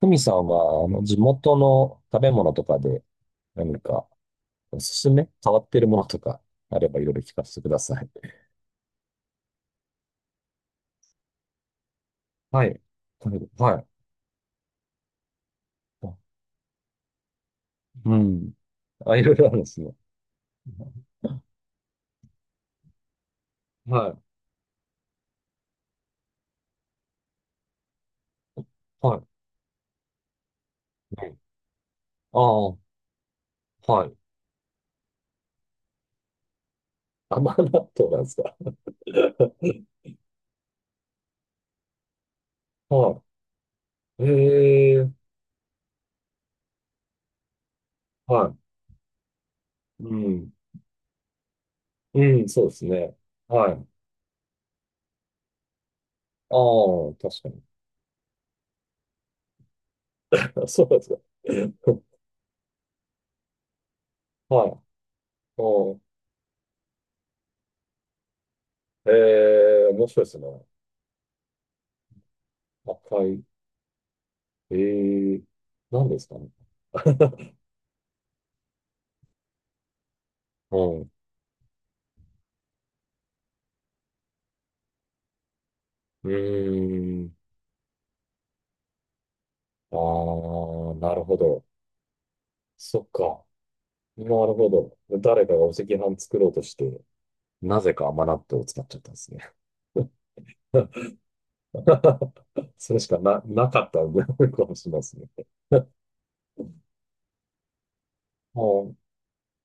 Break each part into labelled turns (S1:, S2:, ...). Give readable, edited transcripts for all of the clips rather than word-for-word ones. S1: ふみさんは、地元の食べ物とかで何かおすすめ変わってるものとかあればいろいろ聞かせてください。はい。食べる、はい。あ、うん。あ、いろいろあるんですね。はい。はい。うん。ああ、はい。甘納豆なんですか？はい。ええ、はい。うん。うん、そうですね。はい。ああ、確かに。そうなんですか？はい。ああ、ええ、面白いですね。赤い。ええ、何ですかね？うん。うーん。ああ、なるほど。そっか。なるほど。誰かがお赤飯作ろうとして、なぜか甘納豆を使っちゃったんですね。それしかなかったんで、かもしれないですね。うん。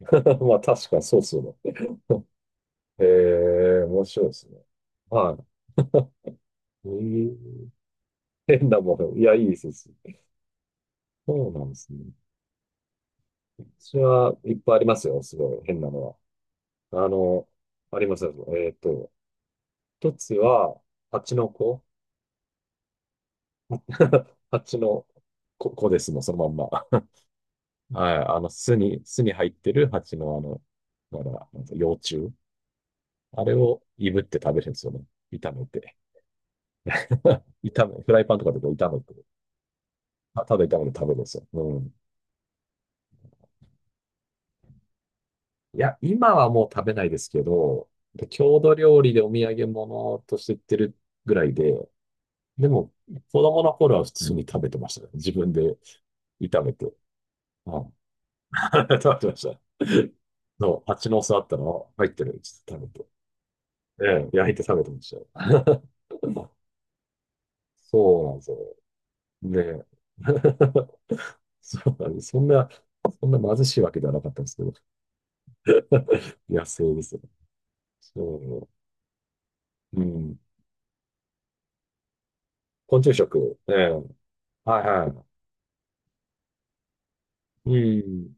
S1: まあ、確かにそうそうだ。へえ、面白いですね。はい。えー、変なもの。いや、いいです。そうなんですね。私はいっぱいありますよ。すごい変なのは。あの、ありますよ。一つは、蜂の子。 蜂の子、子ですもん、そのまんま。はい。巣に入ってる蜂のまだ、なんか幼虫。あれをいぶって食べるんですよね。炒めて。フライパンとかでこう炒めて、ただ炒めて食べるんですよ。うん。いや、今はもう食べないですけど、郷土料理でお土産物として売ってるぐらいで、でも、子供の頃は普通に食べてましたね。自分で炒めて。うん。食べてました。そう、蜂の巣あったの入ってる。ちょっと食べて。ええ、焼いて食べてましたよ。そうなんですよ。ねえ。そうなんです。そんな貧しいわけではなかったんですけど。野生ですよ。そう。うん。昆虫食。ええ。はいはい。うん。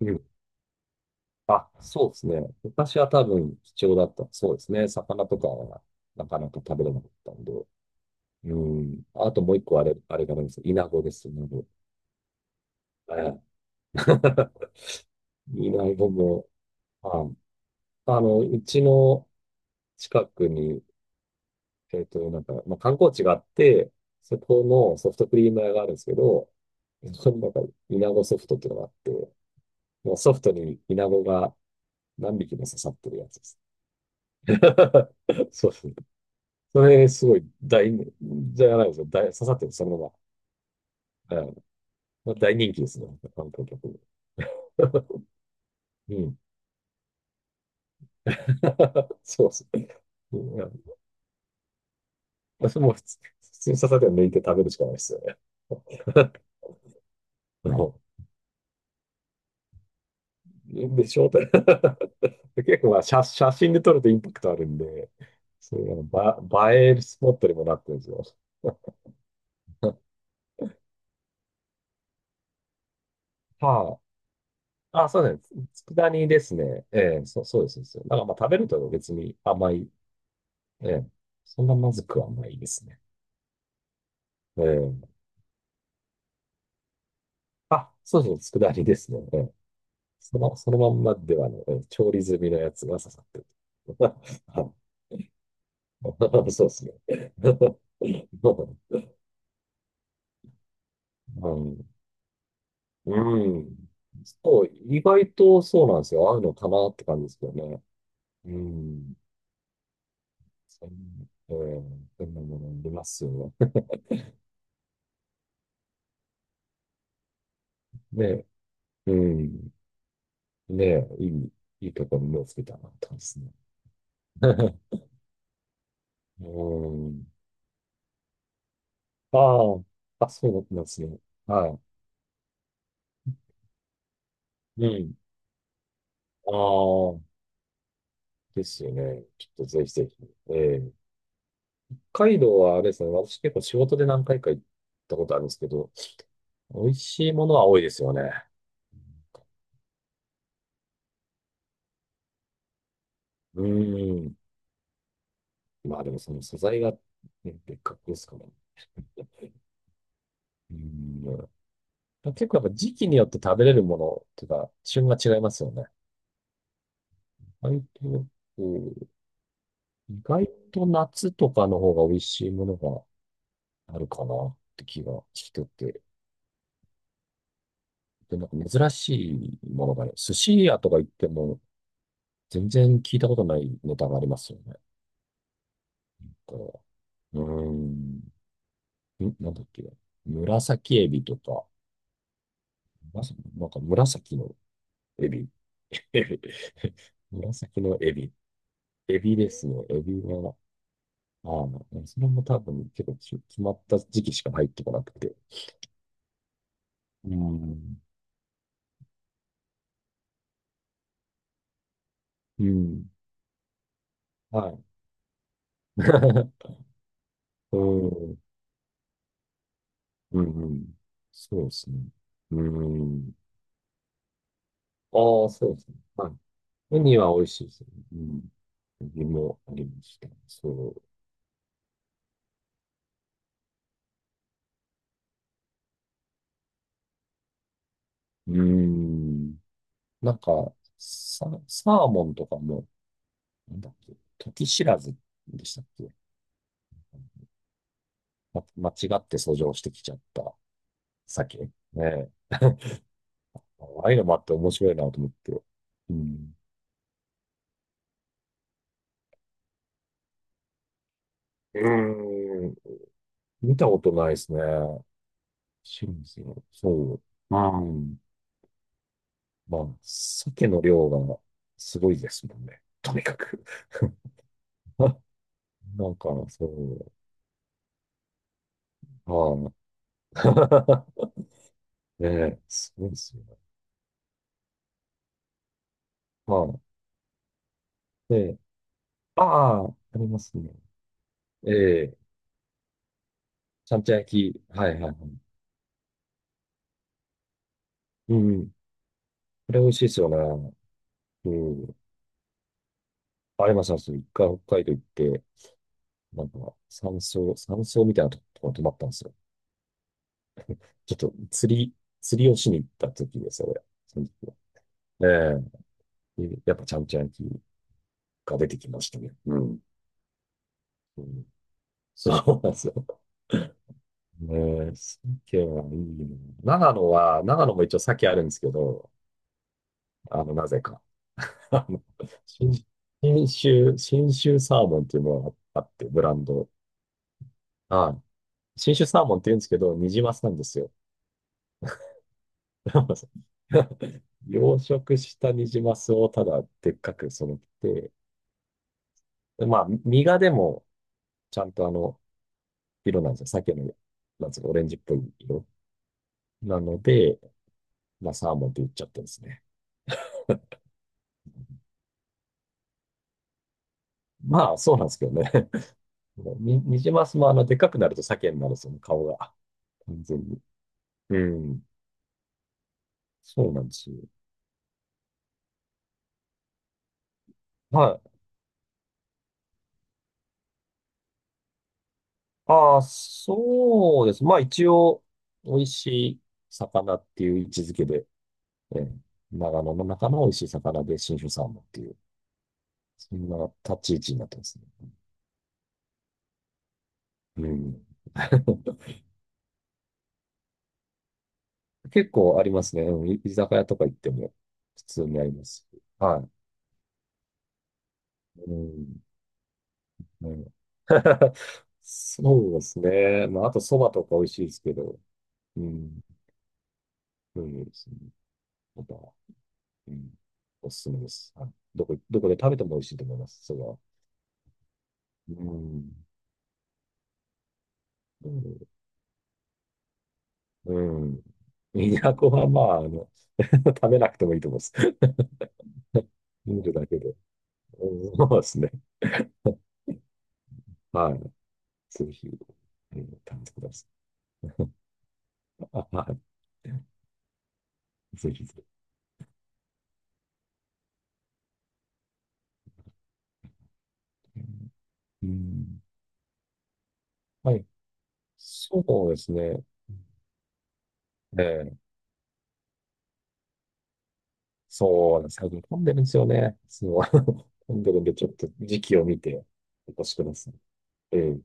S1: うん。あ、そうですね。昔は多分貴重だった。そうですね。魚とかはなかなか食べれなかったんで。うん。あともう一個あれがあいですよ。イナゴです。イナゴ、はい。いいな、僕も。まあ、うちの近くに、なんか、まあ、観光地があって、そこのソフトクリーム屋があるんですけど、そこになんか、イナゴソフトっていうのがあって、もうソフトにイナゴが何匹も刺さってるやつです。そうですね。それ、すごいじゃないですよ。刺さってる、そのまま。はい。まあ大人気ですね。観光客に。うん。そうですね。うん。まあそも普通に刺されて抜いて食べるしかないですよね。もうでしょうって。結構まあ写真で撮るとインパクトあるんで、そういう映えるスポットにもなってるんですよ。はあ。あ、そうですね。佃煮ですね。ええ、そうです。そうですなんかまあ食べると別に甘い。ええ。そんなまずくはないですね。ええ。あ、そうですね。佃煮ですね。ええ。その、そのまんまではね、ええ調理済みのやつが刺さってる。そうですね。うん。うん。そう、意外とそうなんですよ。合うのかなって感じですけどね。うん。そん、えー、そんなものありますよね。ね、うん。ね、いい、いいところに目をつけたなって感じですね。うん。ああ、あ、そうなんですね。はい。うん。ああ、ですよね。ちょっとぜひぜひ。ええ、北海道はあれですね、私結構仕事で何回か行ったことあるんですけど、美味しいものは多いですよね。うーん。まあでもその素材が、ね、別格ですから。うん。結構やっぱ時期によって食べれるものっていうか、旬が違いますよね。意外と、うん、意外と夏とかの方が美味しいものがあるかなって気がしてて。で、なんか珍しいものがね、寿司屋とか行っても全然聞いたことないネタがありますよね。こう、うーん。んなんだっけ。紫エビとか。なんか紫のエビ。紫のエビ。エビですね。エビは、ああ、それも多分結構決まった時期しか入ってこなくて。うん。うん。はい。うん。うん。うん、そうですね。うん。ああ、そうですね。はい。ウニは美味しいですね。うん。エビもありました。そう。うん。なんか、サーモンとかも、なんだっけ、時知らずでしたっけ、間違って遡上してきちゃった酒。ねえ。ああいうのもあって面白いなと思って。うん。うーん。見たことないですね。シリズの。そう。うん。まあ、鮭の量がすごいですもんね。とにかく。 なんか、そう。ああ、ねえ、すごいですよね。はい。で、ああ、ありますね。ええ、ちゃんちゃん焼き。はいはいはい。うん。これ美味しいですよね。うん。ありました。ありました一回北海道行って、なんか、山荘、山荘みたいなところ泊まったんですよ。ちょっと釣り、釣りをしに行った時ですよ、俺。その時は。ええ、でやっぱちゃんちゃん焼きが出てきましたね。うん。うん、そうなんですよ。ねえ、鮭はいいな。長野は、長野も一応鮭あるんですけど、なぜか。あの、新、新州サーモンっていうのがあって、ブランド。はい、新種サーモンって言うんですけど、ニジマスなんですよ。養殖したニジマスをただでっかく育てて、まあ、身がでもちゃんと色なんですよ。鮭の、なんつうか、オレンジっぽい色。なので、まあ、サーモンって言っちゃってですね。まあ、そうなんですけどね。ニジマスもでっかくなると鮭になるんですよね、顔が。完全に。うん。そうなんですよ。はい。ああ、そうです。まあ、一応、美味しい魚っていう位置づけで、ええ、長野の中の美味しい魚で信州サーモンっていう、そんな立ち位置になってますね。うん。結構ありますね。うん。居酒屋とか行っても普通にあります。はい。うん。うん。 そうですね。まあ、あと蕎麦とか美味しいですけど、うん。うん、ですね。また、うん。おすすめです。はい、どこで食べても美味しいと思います、それは。うん。うん。うん。都はまあ、食べなくてもいいと思います。見るだけで。うん、そうですね。はい。ぜひ、えー、試してください。あ、はい。ぜひぜひ。うん。はい。そうですね。ええ、そうなんですね。最近混んでるんですよね。そう。混んでるんで、ちょっと時期を見てお越しください。ええ